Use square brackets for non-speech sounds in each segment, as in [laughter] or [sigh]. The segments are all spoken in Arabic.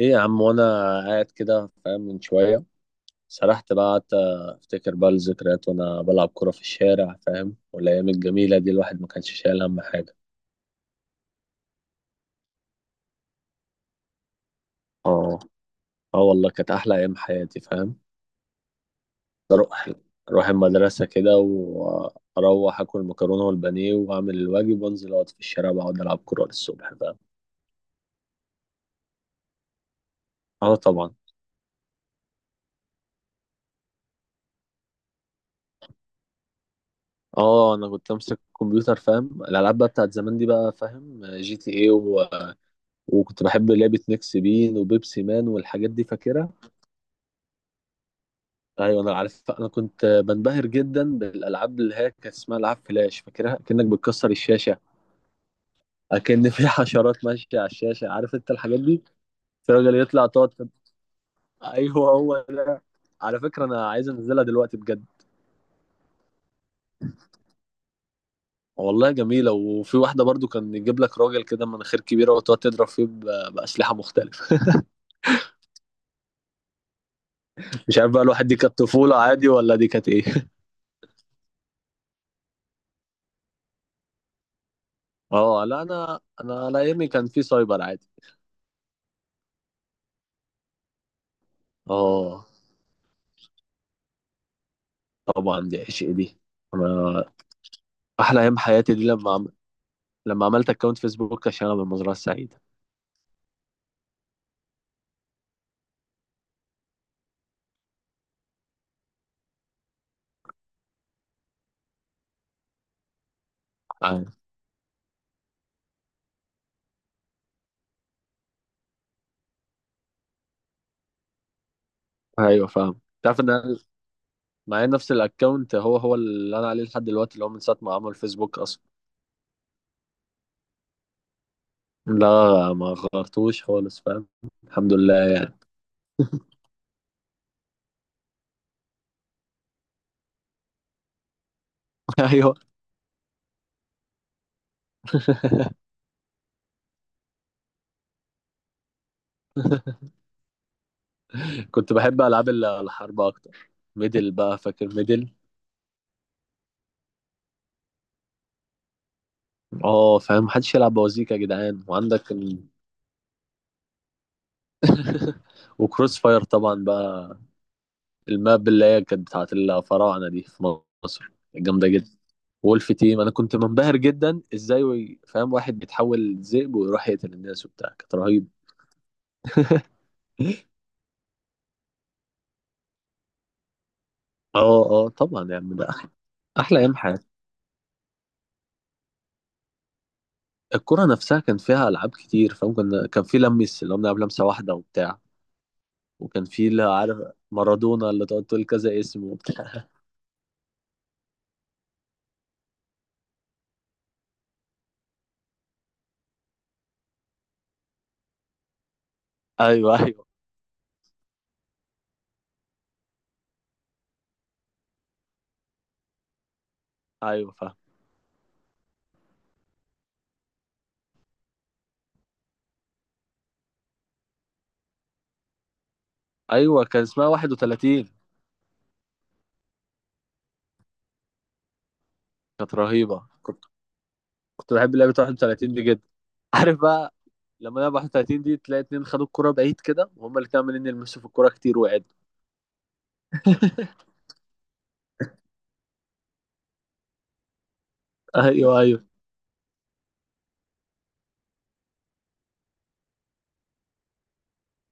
ايه يا عم، وانا قاعد كده فاهم. من شويه سرحت بقى، قعدت افتكر بقى الذكريات وانا بلعب كوره في الشارع فاهم. والايام الجميله دي الواحد ما كانش شايل هم حاجه. اه اه والله كانت احلى ايام حياتي فاهم. اروح اروح المدرسه كده، واروح اكل مكرونه والبانيه، واعمل الواجب، وانزل اقعد في الشارع بقعد العب كوره للصبح فاهم. اه طبعا. اه، انا كنت امسك الكمبيوتر فاهم، الالعاب بقى بتاعت زمان دي بقى فاهم، جي تي ايه. وكنت بحب لعبة ميكس بين وبيبسي مان والحاجات دي فاكرها. ايوه انا عارف، انا كنت بنبهر جدا بالالعاب اللي هي كانت اسمها العاب فلاش، فاكرها كأنك بتكسر الشاشة، كأن في [laughs] حشرات ماشية على الشاشة، عارف انت الحاجات دي. الراجل يطلع تقعد، ايوه هو ده. على فكرة انا عايز انزلها دلوقتي بجد. والله جميلة. وفي واحدة برضو كان يجيب لك راجل كده مناخير كبيرة وتقعد تضرب فيه بأسلحة مختلفة. [laughs] مش عارف بقى الواحد، دي كانت طفولة عادي ولا دي كانت ايه؟ [laughs] اه لا، انا على ايامي كان في سايبر عادي. اه. طبعا دي عشق دي. انا احلى ايام حياتي دي لما لما عملت اكونت فيسبوك عشان انا من المزرعه السعيده. آه. ايوه فاهم. تعرف ان أنا معايا نفس الاكونت، هو اللي انا عليه لحد دلوقتي، اللي هو من ساعه ما عمل فيسبوك اصلا. لا، ما غيرتوش خالص فاهم. الحمد لله يعني. [laughs] ايوه كنت بحب العاب الحرب اكتر. ميدل بقى، فاكر ميدل؟ اه فاهم، محدش يلعب بوازيك يا جدعان وعندك ال... [laughs] وكروس فاير طبعا بقى، الماب اللي هي كانت بتاعت الفراعنة دي في مصر جامدة جدا. وولف تيم انا كنت منبهر جدا ازاي فاهم، واحد بيتحول ذئب ويروح يقتل الناس وبتاع، كانت رهيب. [laughs] اه طبعا يا عم ده احلى ايام حياتي. الكرة نفسها كان فيها العاب كتير فاهم، كان في لمس اللي هو بنلعب لمسة واحدة وبتاع. وكان في اللي عارف، مارادونا اللي تقعد تقول كذا اسم وبتاع. [laughs] ايوه ايوه ايوه فاهم ايوه كان اسمها 31 كانت رهيبة كنت بحب لعبة 31 دي جدا عارف بقى لما لعبة 31 دي تلاقي اتنين خدوا الكرة بعيد كده وهما الاتنين عمالين يلمسوا في الكرة كتير وقعدوا [laughs] ايوه ايوه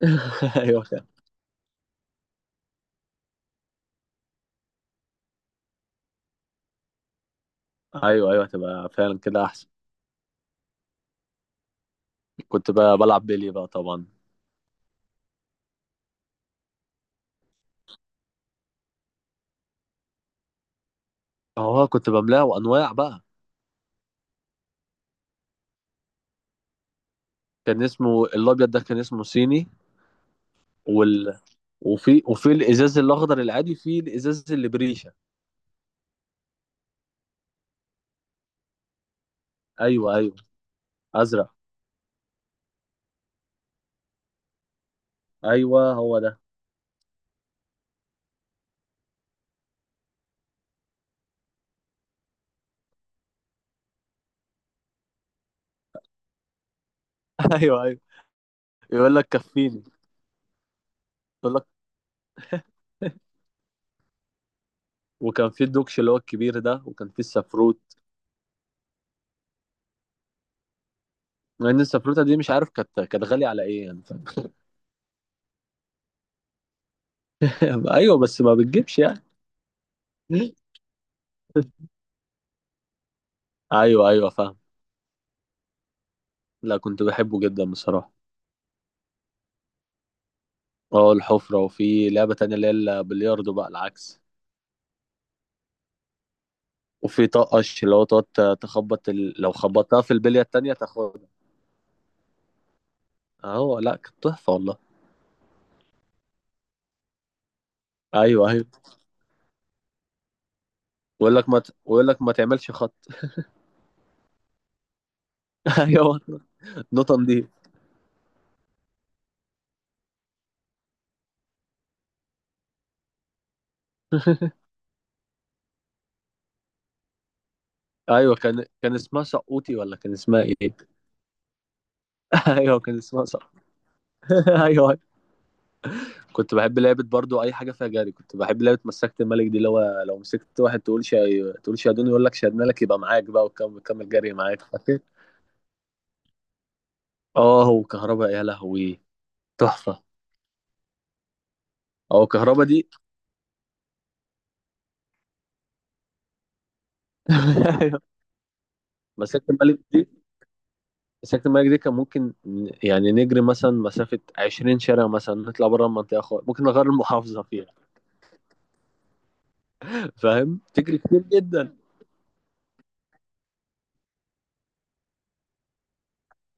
[laughs] ايوه فعلا. ايوه هتبقى فعلا كده احسن. كنت بقى بلعب بيلي بقى طبعا. اه كنت بملاه انواع بقى. كان اسمه الابيض ده، كان اسمه صيني. وال... وفي الازاز الاخضر العادي، في الازاز اللي بريشه. ايوه ازرق، ايوه هو ده. [laughs] ايوه يقول لك كفيني. يقول لك. وكان في الدوكش اللي هو الكبير ده، وكان في السفروت. مع ان السفروته دي مش عارف، كانت غاليه على ايه يعني فاهم. [laughs] ايوه بس ما بتجيبش يعني. [laughs] ايوه فاهم. لا كنت بحبه جدا بصراحه. اه الحفره. وفي لعبه تانية اللي هي البلياردو بقى العكس. وفي طقش اللي هو تقعد تخبط ال... لو خبطتها في البليه التانية تاخدها. اهو لا، كانت تحفه والله. ايوه ويقول لك ما ت... ويقول لك ما تعملش خط. [laughs] ايوه، نوتن دي. [laughs] ايوه كان اسمها سقوطي، ولا كان اسمها ايه؟ [laughs] ايوه كان اسمها سقوطي. [laughs] ايوه أيوة. كنت بحب لعبه برضو اي حاجه فيها جري. كنت بحب لعبه مسكت الملك دي، اللي هو لو مسكت واحد تقول تقول شادون، يقول لك شدنا لك، يبقى معاك بقى وكمل، كمل جري معاك. [laughs] فاكر؟ اه وكهرباء يا لهوي. تحفه. اه كهرباء دي. [laughs] أيوة. مسكت الملك دي مسكت الملك دي كان ممكن يعني نجري مثلا مسافه 20 شارع، مثلا نطلع بره المنطقه خالص، ممكن نغير المحافظه فيها فاهم، تجري كتير جدا.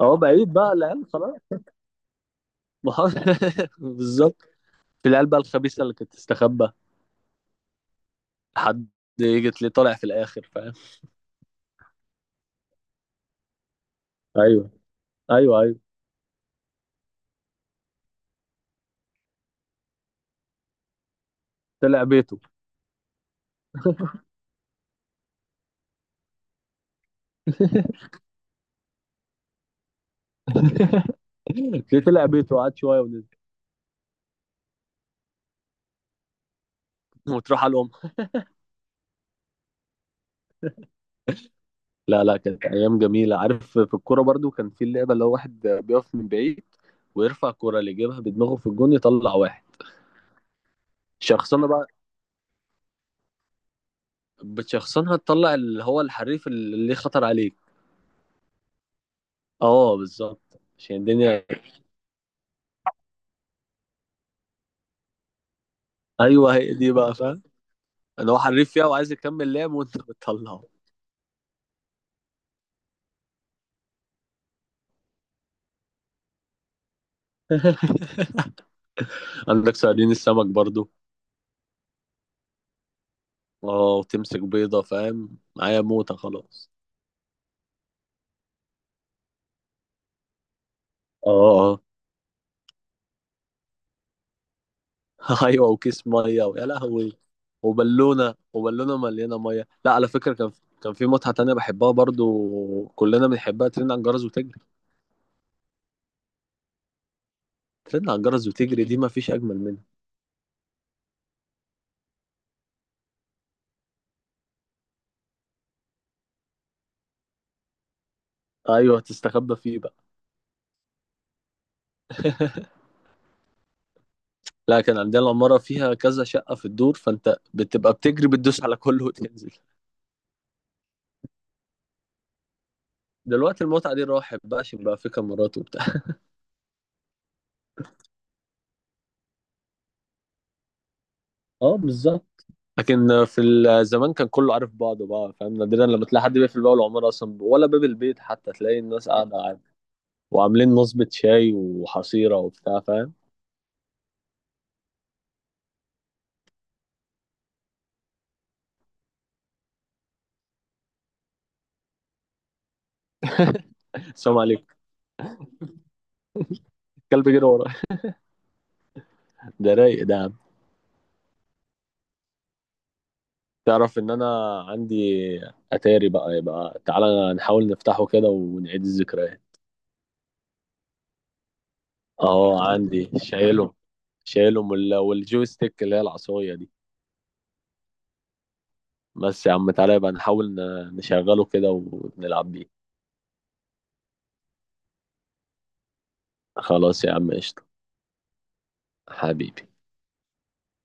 اه بعيد بقى العيال خلاص. محافظه [laughs] بالظبط. في العيال بقى الخبيثه اللي كانت تستخبى حد، جت لي طالع في الاخر فاهم. ايوه ايوه طلع بيته. [laughs] ليه؟ طلع بيته وقعد شويه ونزل. وتروح على الام. لا لا، كانت ايام جميله. عارف في الكوره برضو كان في اللعبه اللي هو واحد بيقف من بعيد، ويرفع الكوره اللي يجيبها بدماغه في الجون يطلع واحد. شخصنه بقى، بتشخصنها تطلع اللي هو الحريف اللي خطر عليك. اه بالظبط، عشان الدنيا. [laughs] ايوه هي دي بقى فاهم، ان هو حريف فيها وعايز يكمل لعب وانت بتطلعه. [laughs] عندك صيادين السمك برضو. اه وتمسك بيضة فاهم، معايا موتة خلاص. اه [laughs] ايوه، وكيس مية، ويا لهوي. وبالونة مليانة مية. لا على فكرة كان، كان في متعة تانية بحبها برضو كلنا بنحبها، ترن على الجرس وتجري. ترن على الجرس وتجري دي مفيش أجمل منها. ايوه تستخبى فيه بقى. [laughs] لا كان عندنا العمارة فيها كذا شقة في الدور، فانت بتبقى بتجري بتدوس على كله وتنزل. دلوقتي المتعة دي راحت بقى عشان بقى في كاميرات وبتاع. [laughs] اه بالظبط. لكن في زمان كان كله عارف بعضه بقى فاهم، نادرا لما تلاقي حد بيقفل باب العمارة أصلا، ولا باب البيت حتى، تلاقي الناس قاعدة عادي، وعاملين نصبة شاي وحصيرة وبتاع فاهم. [laughs] السلام عليكم، الكلب جري ورايا. ده رايق ده يا عم. تعرف إن أنا عندي أتاري بقى، يبقى تعالى نحاول نفتحه كده ونعيد الذكريات. أهو عندي شايلهم. شايلهم والجويستيك اللي هي العصاية دي. بس يا عم تعالى يبقى نحاول نشغله كده ونلعب بيه. خلاص يا عم قشطة. حبيبي.